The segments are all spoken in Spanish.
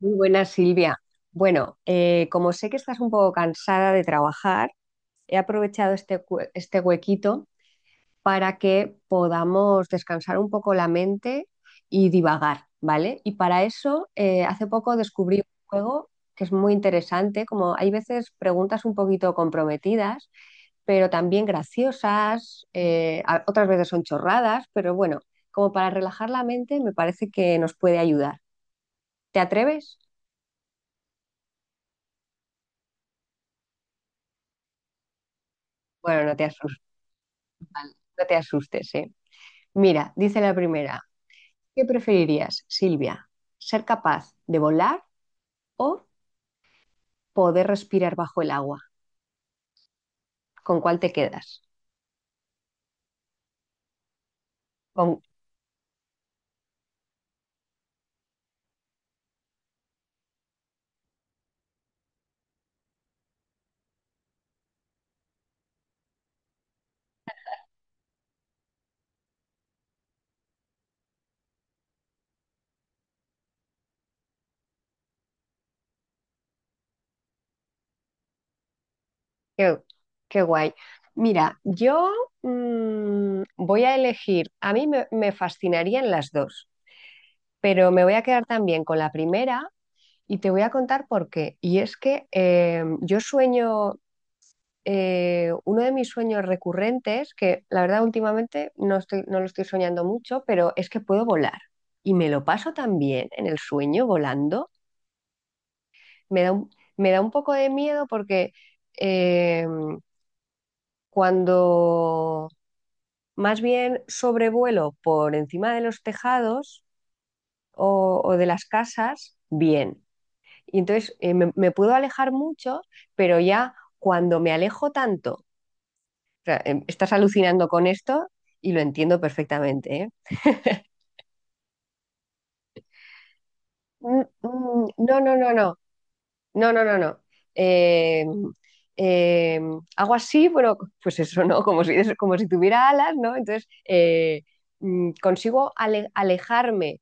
Muy buena, Silvia. Bueno, como sé que estás un poco cansada de trabajar, he aprovechado este huequito para que podamos descansar un poco la mente y divagar, ¿vale? Y para eso, hace poco descubrí un juego que es muy interesante, como hay veces preguntas un poquito comprometidas, pero también graciosas, otras veces son chorradas, pero bueno, como para relajar la mente me parece que nos puede ayudar. ¿Te atreves? Bueno, no te has No te asustes, ¿eh? Mira, dice la primera, ¿qué preferirías, Silvia? ¿Ser capaz de volar o poder respirar bajo el agua? ¿Con cuál te quedas? Con... Qué, qué guay. Mira, yo voy a elegir, a mí me fascinarían las dos, pero me voy a quedar también con la primera y te voy a contar por qué. Y es que yo sueño, uno de mis sueños recurrentes, que la verdad últimamente no lo estoy soñando mucho, pero es que puedo volar. Y me lo paso también en el sueño volando. Me da un, me da un poco de miedo porque eh, cuando más bien sobrevuelo por encima de los tejados o de las casas, bien. Y entonces me puedo alejar mucho, pero ya cuando me alejo tanto sea, estás alucinando con esto y lo entiendo perfectamente, ¿eh? Mm, mm, no, no, no, no, no, no, no, no. Eh, eh, hago así, bueno, pues eso, ¿no? Como si tuviera alas, ¿no? Entonces, consigo alejarme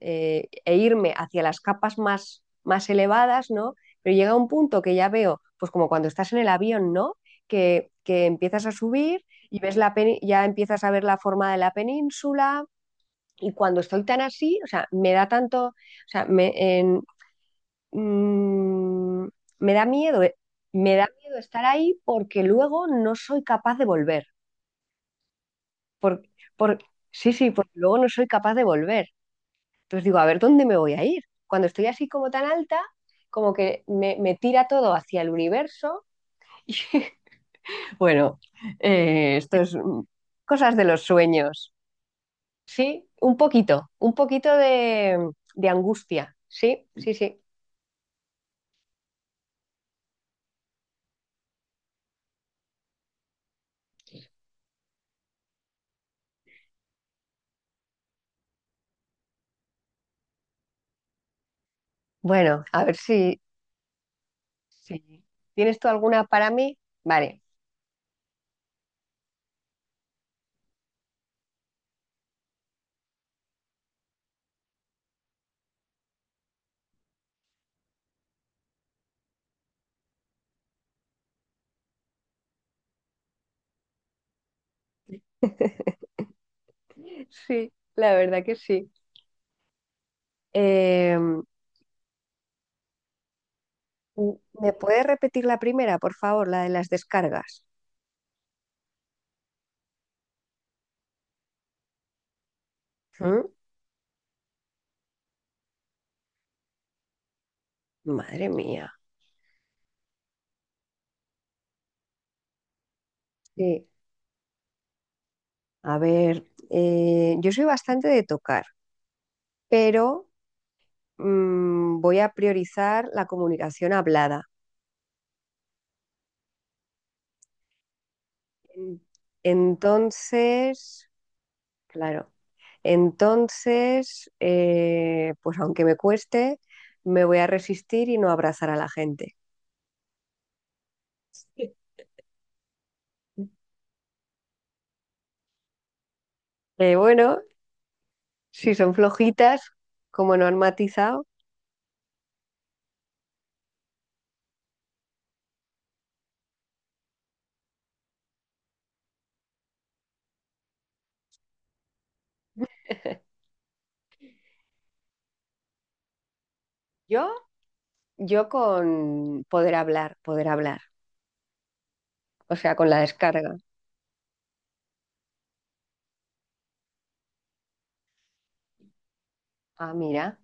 e irme hacia las capas más elevadas, ¿no? Pero llega un punto que ya veo, pues como cuando estás en el avión, ¿no? Que empiezas a subir y ves ya empiezas a ver la forma de la península. Y cuando estoy tan así, o sea, me da tanto, o sea, en- mm, me da miedo, eh, me da miedo estar ahí porque luego no soy capaz de volver. Por, por, sí, sí, porque luego no soy capaz de volver. Entonces digo, a ver, ¿dónde me voy a ir? Cuando estoy así como tan alta, como que me tira todo hacia el universo. Y, bueno, esto es cosas de los sueños, ¿sí? Un poquito de angustia, sí, sí, sí. Bueno, a ver si- ¿tienes tú alguna para mí? Vale. Sí, la verdad que sí. Em, ¿Me puedes repetir la primera, por favor, la de las descargas? ¿Mm? Madre mía. Sí. A ver, yo soy bastante de tocar, pero voy a priorizar la comunicación hablada. En- Entonces, claro. Entonces, pues aunque me cueste, me voy a resistir y no abrazar a la gente. Bueno, si son flojitas, como no han matizado, yo, yo con poder hablar, o sea, con la descarga. Ah, mira.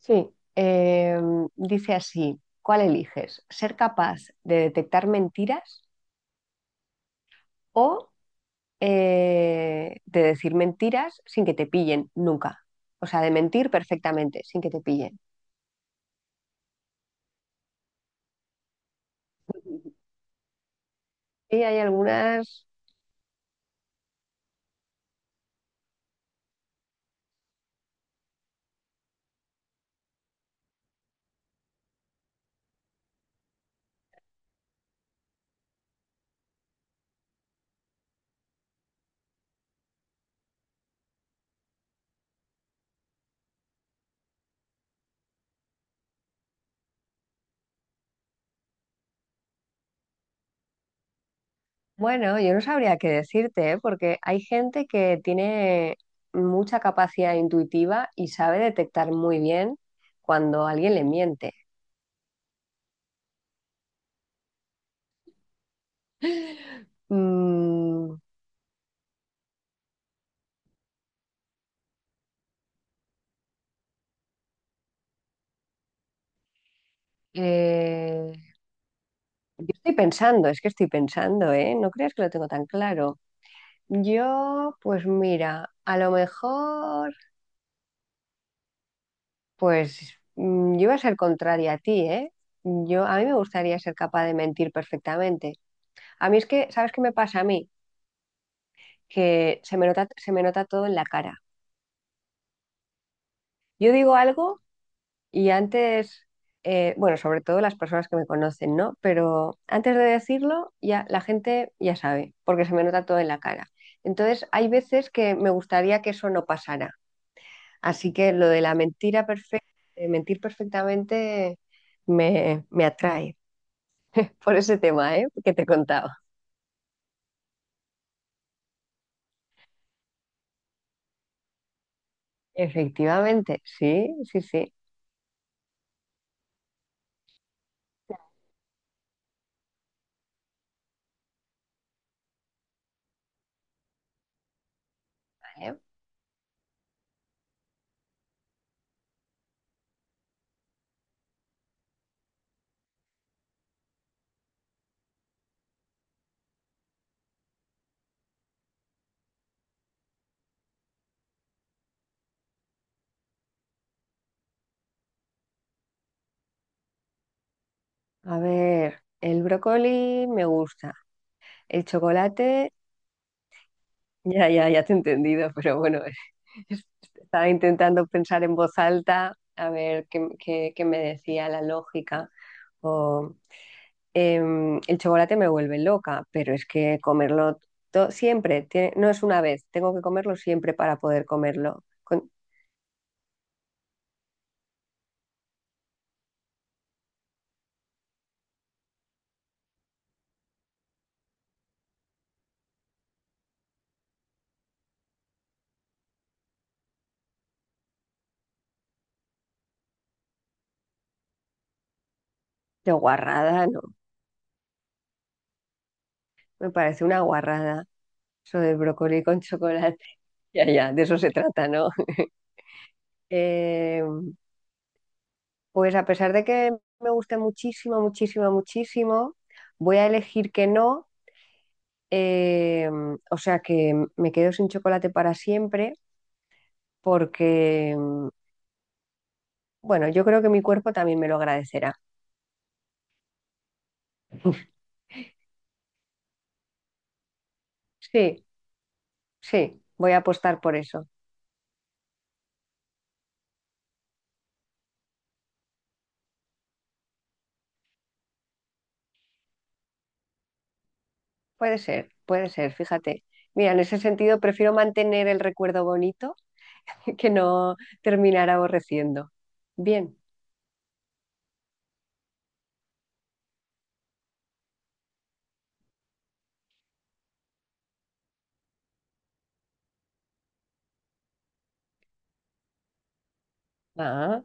Sí. Dice así, ¿cuál eliges? ¿Ser capaz de detectar mentiras o de decir mentiras sin que te pillen nunca? O sea, de mentir perfectamente sin que te pillen. Y hay algunas, bueno, yo no sabría qué decirte, ¿eh? Porque hay gente que tiene mucha capacidad intuitiva y sabe detectar muy bien cuando alguien le miente. Mm, eh, yo estoy pensando, es que estoy pensando, ¿eh? No creas que lo tengo tan claro. Yo, pues mira, a lo mejor pues yo iba a ser contraria a ti, ¿eh? Yo, a mí me gustaría ser capaz de mentir perfectamente. A mí es que, ¿sabes qué me pasa a mí? Que se me nota todo en la cara. Yo digo algo y antes, bueno, sobre todo las personas que me conocen, ¿no? Pero antes de decirlo, ya la gente ya sabe, porque se me nota todo en la cara. Entonces, hay veces que me gustaría que eso no pasara. Así que lo de la mentira perfecta, mentir perfectamente me atrae por ese tema, ¿eh? Que te contaba. Efectivamente, sí, sí, sí. Vale. A ver, el brócoli me gusta. El chocolate, ya, ya, ya te he entendido, pero bueno, es- estaba intentando pensar en voz alta, a ver qué me decía la lógica. O, el chocolate me vuelve loca, pero es que comerlo siempre, no es una vez, tengo que comerlo siempre para poder comerlo. Con, de guarrada, no, me parece una guarrada. Sobre del brócoli con chocolate. Ya, ya, de eso se trata, ¿no? Eh, pues a pesar de que me guste muchísimo, muchísimo, muchísimo, voy a elegir que no. Eh, o sea que me quedo sin chocolate para siempre porque, bueno, yo creo que mi cuerpo también me lo agradecerá. Sí, sí, voy a apostar por eso. Puede ser, fíjate. Mira, en ese sentido prefiero mantener el recuerdo bonito que no terminar aborreciendo. Bien. Ah,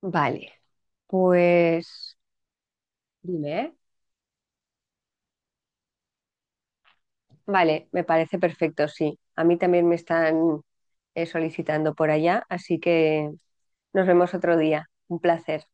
vale. Pues dime, ¿eh? Vale, me parece perfecto, sí. A mí también me están solicitando por allá, así que nos vemos otro día. Un placer.